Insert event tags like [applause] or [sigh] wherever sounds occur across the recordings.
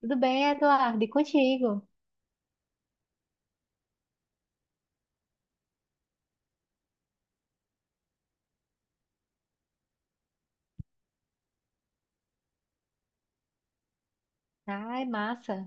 Tudo bem, Eduardo? E contigo? Ai, massa.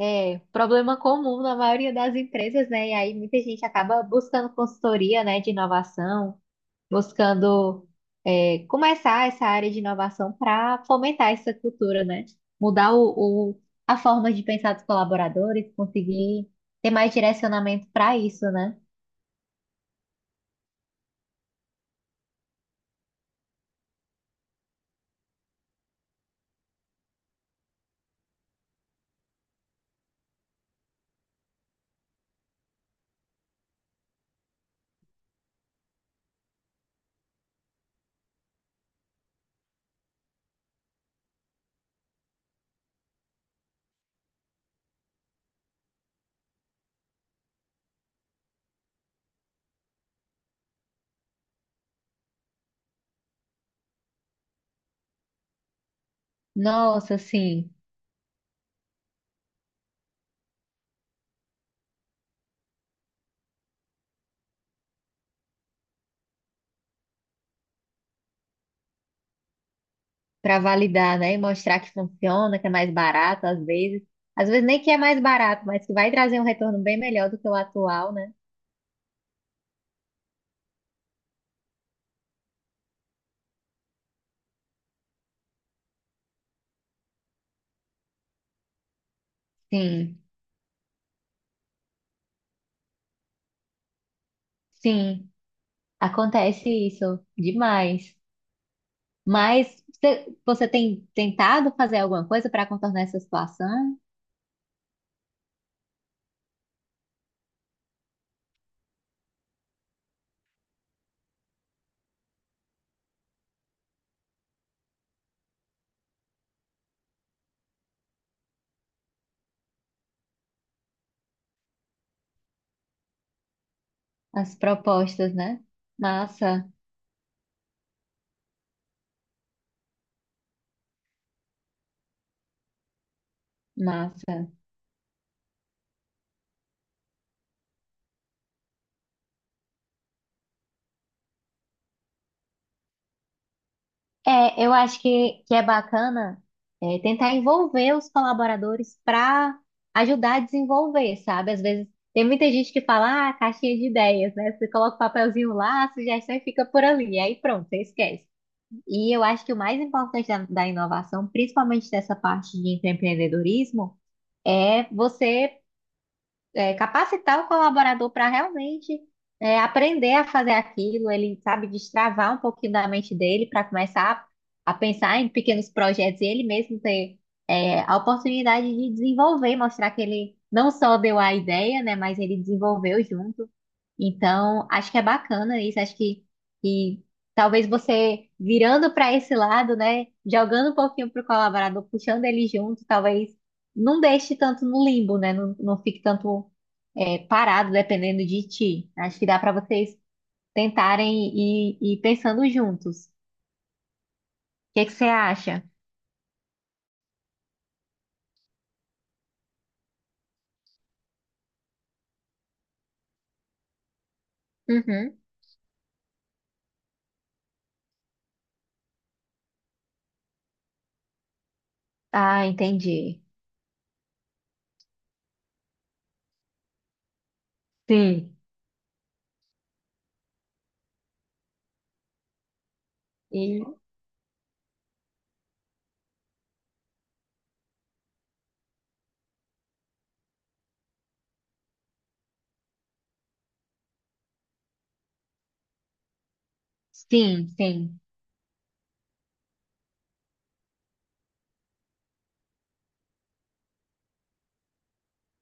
É problema comum na maioria das empresas, né? E aí muita gente acaba buscando consultoria, né, de inovação, buscando começar essa área de inovação para fomentar essa cultura, né? Mudar a forma de pensar dos colaboradores, conseguir ter mais direcionamento para isso, né? Nossa, sim. Para validar, né? E mostrar que funciona, que é mais barato às vezes. Às vezes nem que é mais barato, mas que vai trazer um retorno bem melhor do que o atual, né? Sim, sim, acontece isso demais. Mas você tem tentado fazer alguma coisa para contornar essa situação? As propostas, né? Massa, massa. É, eu acho que é bacana tentar envolver os colaboradores para ajudar a desenvolver, sabe? Às vezes tem muita gente que fala, ah, caixinha de ideias, né? Você coloca o papelzinho lá, a sugestão e fica por ali, aí pronto, você esquece. E eu acho que o mais importante da inovação, principalmente dessa parte de empreendedorismo, é você capacitar o colaborador para realmente aprender a fazer aquilo, ele sabe destravar um pouquinho da mente dele para começar a pensar em pequenos projetos e ele mesmo ter a oportunidade de desenvolver, mostrar que ele não só deu a ideia, né, mas ele desenvolveu junto. Então, acho que é bacana isso. Acho que talvez você virando para esse lado, né? Jogando um pouquinho pro colaborador, puxando ele junto, talvez não deixe tanto no limbo, né? Não fique tanto parado dependendo de ti. Acho que dá para vocês tentarem e ir pensando juntos. O que é que você acha? Uhum. Ah, entendi. Sim. E, sim, sim.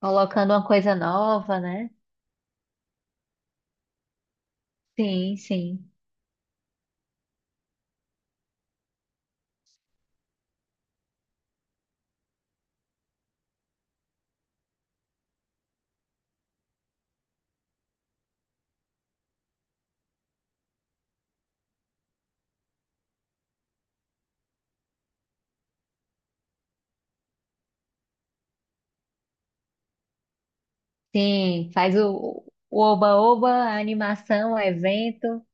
Colocando uma coisa nova, né? Sim, sim. Sim, faz o oba-oba, a animação, o evento.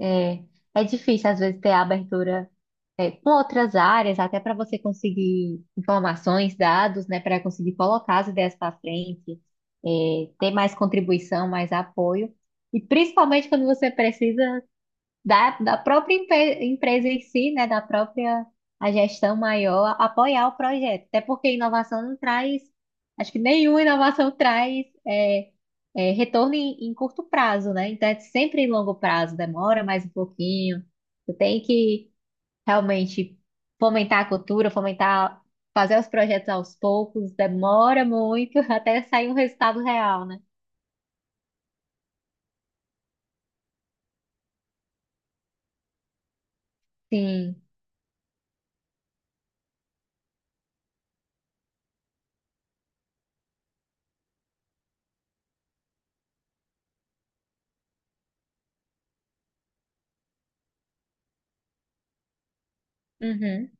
É, é difícil, às vezes, ter a abertura com outras áreas, até para você conseguir informações, dados, né, para conseguir colocar as ideias para frente, ter mais contribuição, mais apoio. E principalmente quando você precisa da própria empresa em si, né, da própria a gestão maior, apoiar o projeto. Até porque inovação não traz, acho que nenhuma inovação traz retorno em curto prazo, né? Então é sempre em longo prazo, demora mais um pouquinho. Tu tem que realmente fomentar a cultura, fomentar, fazer os projetos aos poucos, demora muito [laughs] até sair um resultado real, né? Sim. Uhum.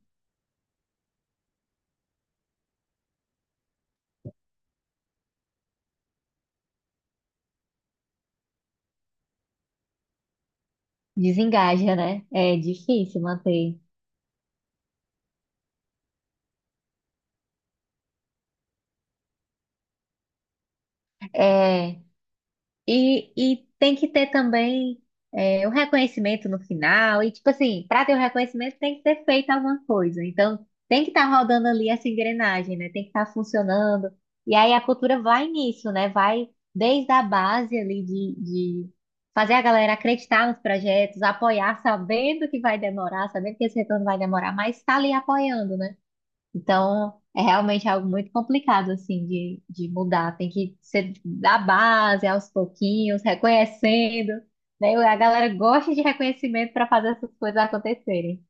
Desengaja, né? É difícil manter. É, e tem que ter também o reconhecimento no final. E, tipo assim, para ter o reconhecimento tem que ter feito alguma coisa. Então, tem que estar rodando ali essa engrenagem, né? Tem que estar funcionando. E aí a cultura vai nisso, né? Vai desde a base ali de fazer a galera acreditar nos projetos, apoiar, sabendo que vai demorar, sabendo que esse retorno vai demorar, mas está ali apoiando, né? Então, é realmente algo muito complicado, assim, de mudar. Tem que ser da base, aos pouquinhos, reconhecendo, né? A galera gosta de reconhecimento para fazer essas coisas acontecerem.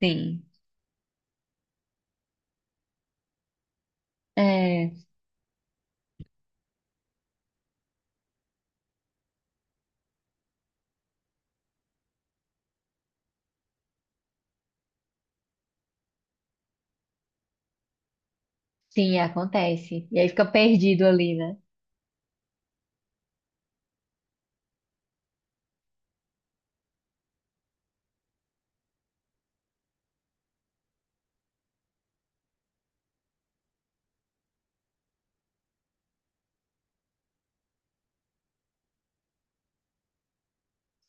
Sim. É, sim, acontece. E aí fica perdido ali, né?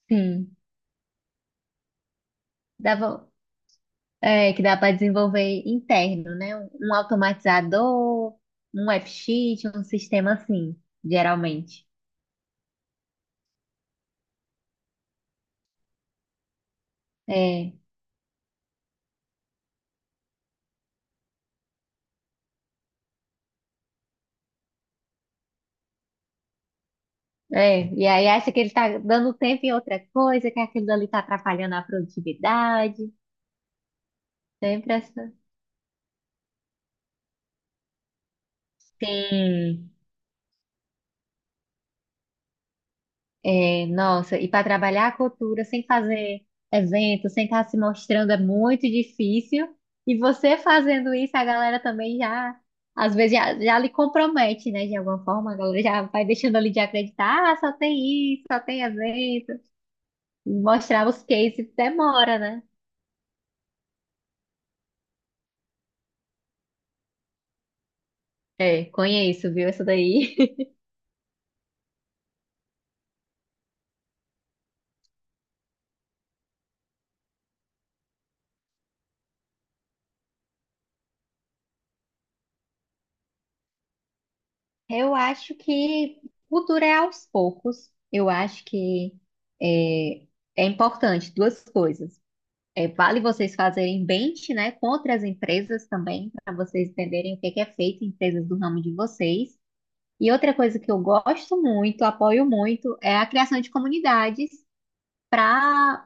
Sim. Dá, vo- que dá para desenvolver interno, né? Um automatizador, um app sheet, um sistema assim, geralmente. É. É, e aí acha que ele tá dando tempo em outra coisa, que aquilo ali tá atrapalhando a produtividade. Sempre essa. Hum. É, nossa, e para trabalhar a cultura sem fazer evento, sem estar se mostrando é muito difícil. E você fazendo isso, a galera também já, às vezes, já lhe compromete, né? De alguma forma, a galera já vai deixando ali de acreditar, ah, só tem isso, só tem evento. Mostrar os cases demora, né? É, conheço, viu? Essa daí. Eu acho que cultura é aos poucos. Eu acho que é, é importante duas coisas. É, vale vocês fazerem bench, né, contra as empresas também, para vocês entenderem o que que é feito em empresas do ramo de vocês. E outra coisa que eu gosto muito, apoio muito, é a criação de comunidades para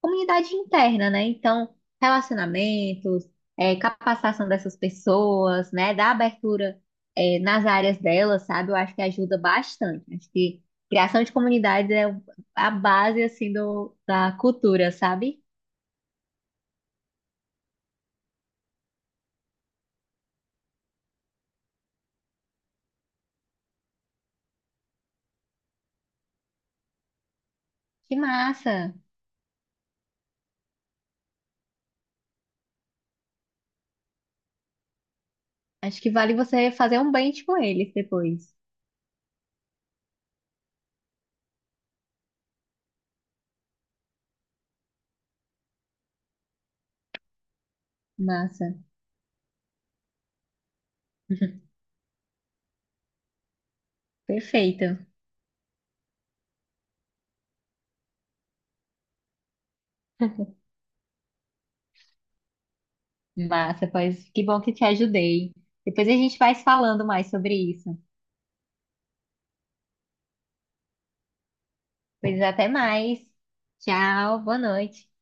comunidade interna, né? Então, relacionamentos, capacitação dessas pessoas, né? Da abertura, nas áreas delas, sabe? Eu acho que ajuda bastante. Acho que criação de comunidades é a base, assim, da cultura, sabe? Que massa! Acho que vale você fazer um bench com eles depois. Massa. [laughs] Perfeito. Massa, pois que bom que te ajudei. Depois a gente vai se falando mais sobre isso. Pois até mais. Tchau, boa noite.